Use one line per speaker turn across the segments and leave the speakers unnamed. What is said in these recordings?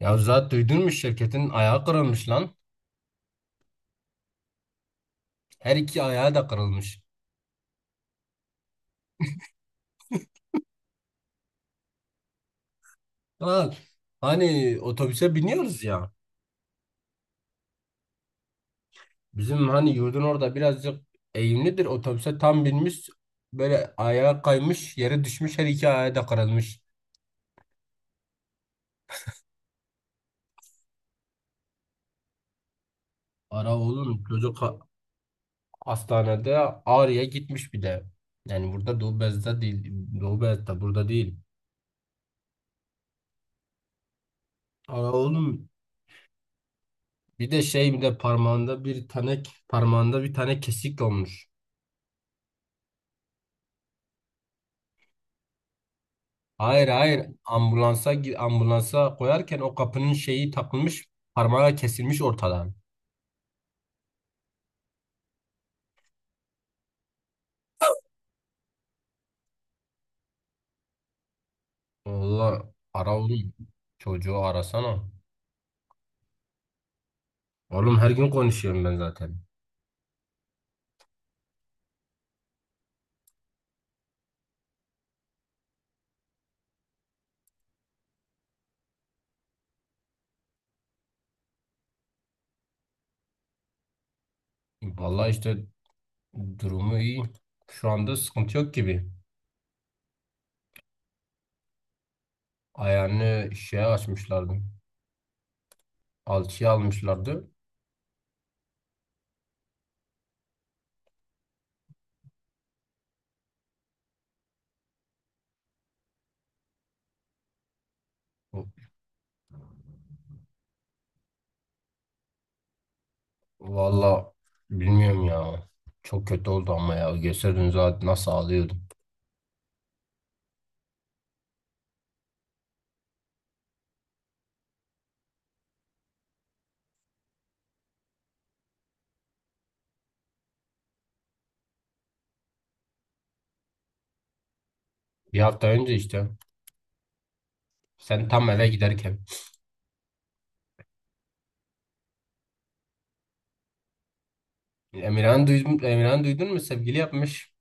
Ya zaten duydun mu şirketin ayağı kırılmış lan. Her iki ayağı da kırılmış. Ya, hani otobüse biniyoruz ya. Bizim hani yurdun orada birazcık eğimlidir. Otobüse tam binmiş. Böyle ayağı kaymış, yere düşmüş, her iki ayağı da kırılmış. Ara oğlum çocuk hastanede Ağrı'ya gitmiş bir de. Yani burada Doğu Beyazıt'ta değil. Doğu Beyazıt'ta burada değil. Ara oğlum bir de parmağında bir tane kesik olmuş. Hayır hayır, ambulansa ambulansa koyarken o kapının şeyi takılmış, parmağı kesilmiş ortadan. Valla ara oğlum, çocuğu arasana. Oğlum her gün konuşuyorum ben zaten. Valla işte durumu iyi. Şu anda sıkıntı yok gibi. Ayağını şeye açmışlardı. Alçıya almışlardı. Valla bilmiyorum ya. Çok kötü oldu ama ya. Gösterdin zaten nasıl ağlıyordum. Bir hafta önce işte. Sen tam eve giderken. Emirhan duydun mu? Sevgili yapmış.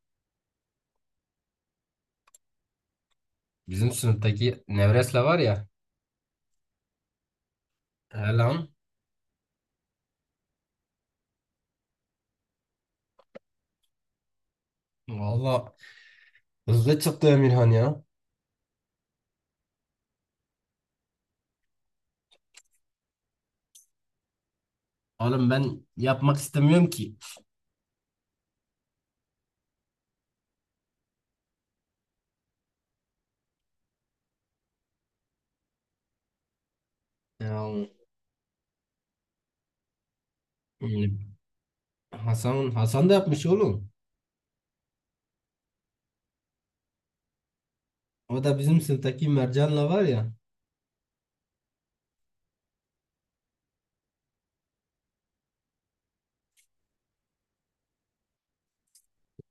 Bizim sınıftaki Nevres'le var ya. He lan. Valla hızlı çıktı Emirhan ya. Oğlum ben yapmak istemiyorum ki. Ya, e, Hasan da yapmış oğlum. O da bizim sınıftaki Mercan'la var ya.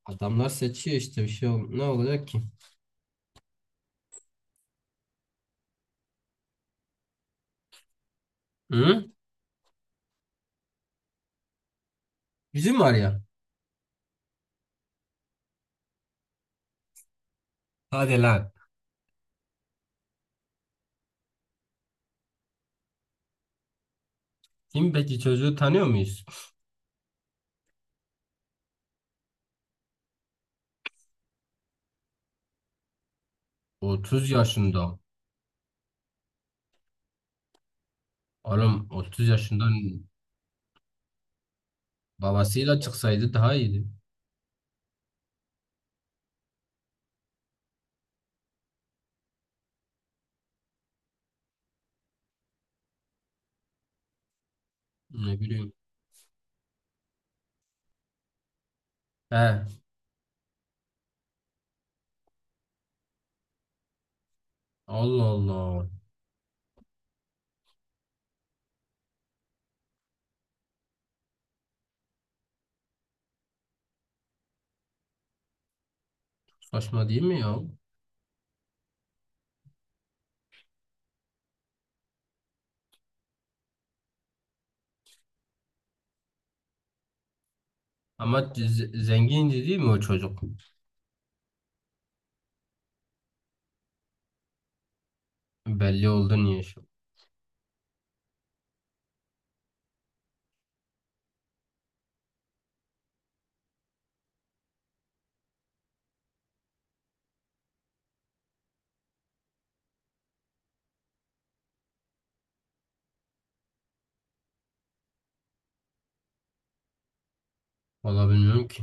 Adamlar seçiyor işte, bir şey ol ne olacak ki? Hı? Bizim var ya. Hadi lan. Kim peki, çocuğu tanıyor muyuz? 30 yaşında. Oğlum, 30 yaşından babasıyla çıksaydı daha iyiydi. Ne bileyim. He. Allah Allah. Saçma değil mi ya? Ama zengindi değil mi o çocuk? Belli oldu niye şu? Valla bilmiyorum ki.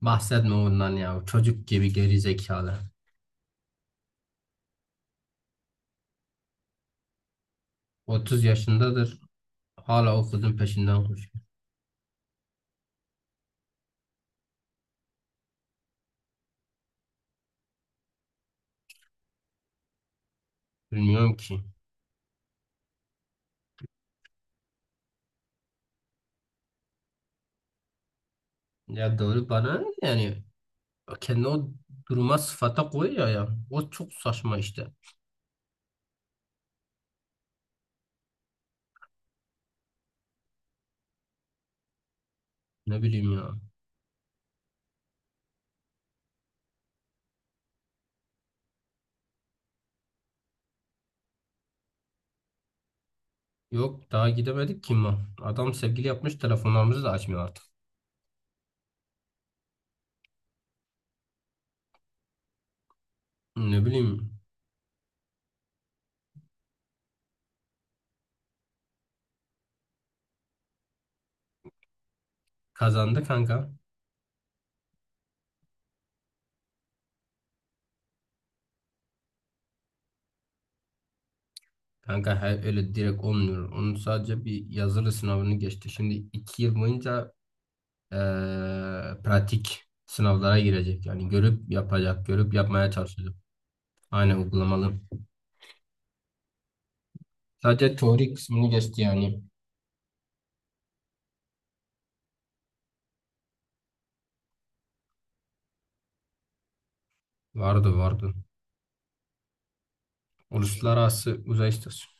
Bahsetme ondan ya. Çocuk gibi geri zekalı. 30 yaşındadır. Hala o kızın peşinden koşuyor. Bilmiyorum ki. Ya doğru, bana ne yani, kendi o duruma sıfata koyuyor ya. O çok saçma işte. Ne bileyim ya. Yok daha gidemedik ki ma. Adam sevgili yapmış, telefonlarımızı da açmıyor artık. Ne bileyim. Kazandı kanka. Kanka, her öyle direkt olmuyor. Onun sadece bir yazılı sınavını geçti. Şimdi 2 yıl boyunca eee, pratik sınavlara girecek. Yani görüp yapacak, görüp yapmaya çalışacak. Aynen uygulamalı. Sadece teori kısmını geçti yani. Vardı vardı. Uluslararası uzay istasyonu.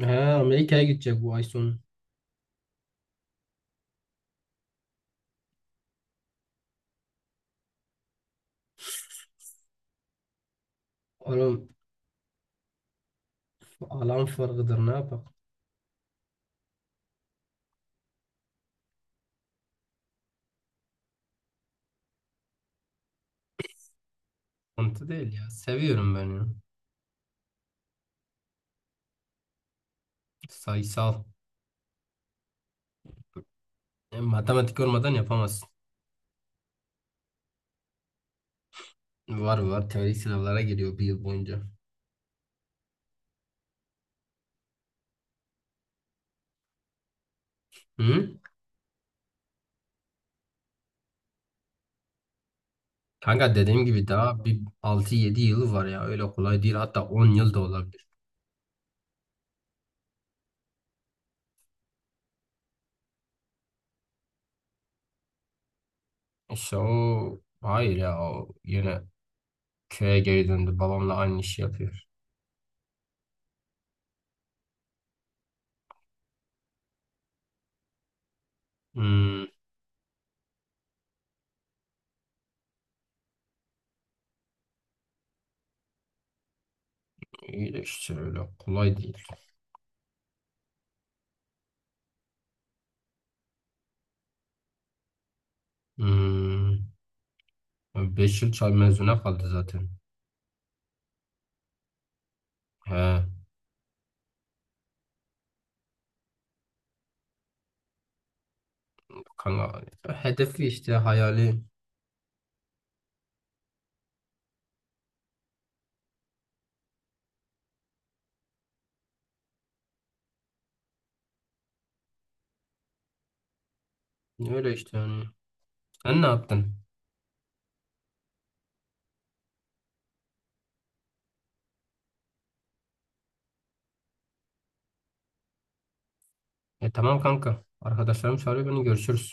Ha, Amerika'ya gidecek bu ay sonu. Oğlum alan farkıdır, ne yapak? Sıkıntı değil ya. Seviyorum ben ya. Sayısal. E, matematik olmadan yapamazsın. Var var, teorik sınavlara giriyor bir yıl boyunca. Hı? Kanka, dediğim gibi daha bir 6-7 yılı var ya, öyle kolay değil, hatta 10 yıl da olabilir. İşte o hayır ya, o yine köye geri döndü, babamla aynı işi yapıyor. Hmm. iyi de işte öyle kolay değil. Hmm, 5 yıl çay mezuna kaldı zaten. He, kanka hedefi işte, hayali öyle işte yani. Sen ne yaptın? E tamam kanka, arkadaşlarım çağırıyor, beni görüşürüz.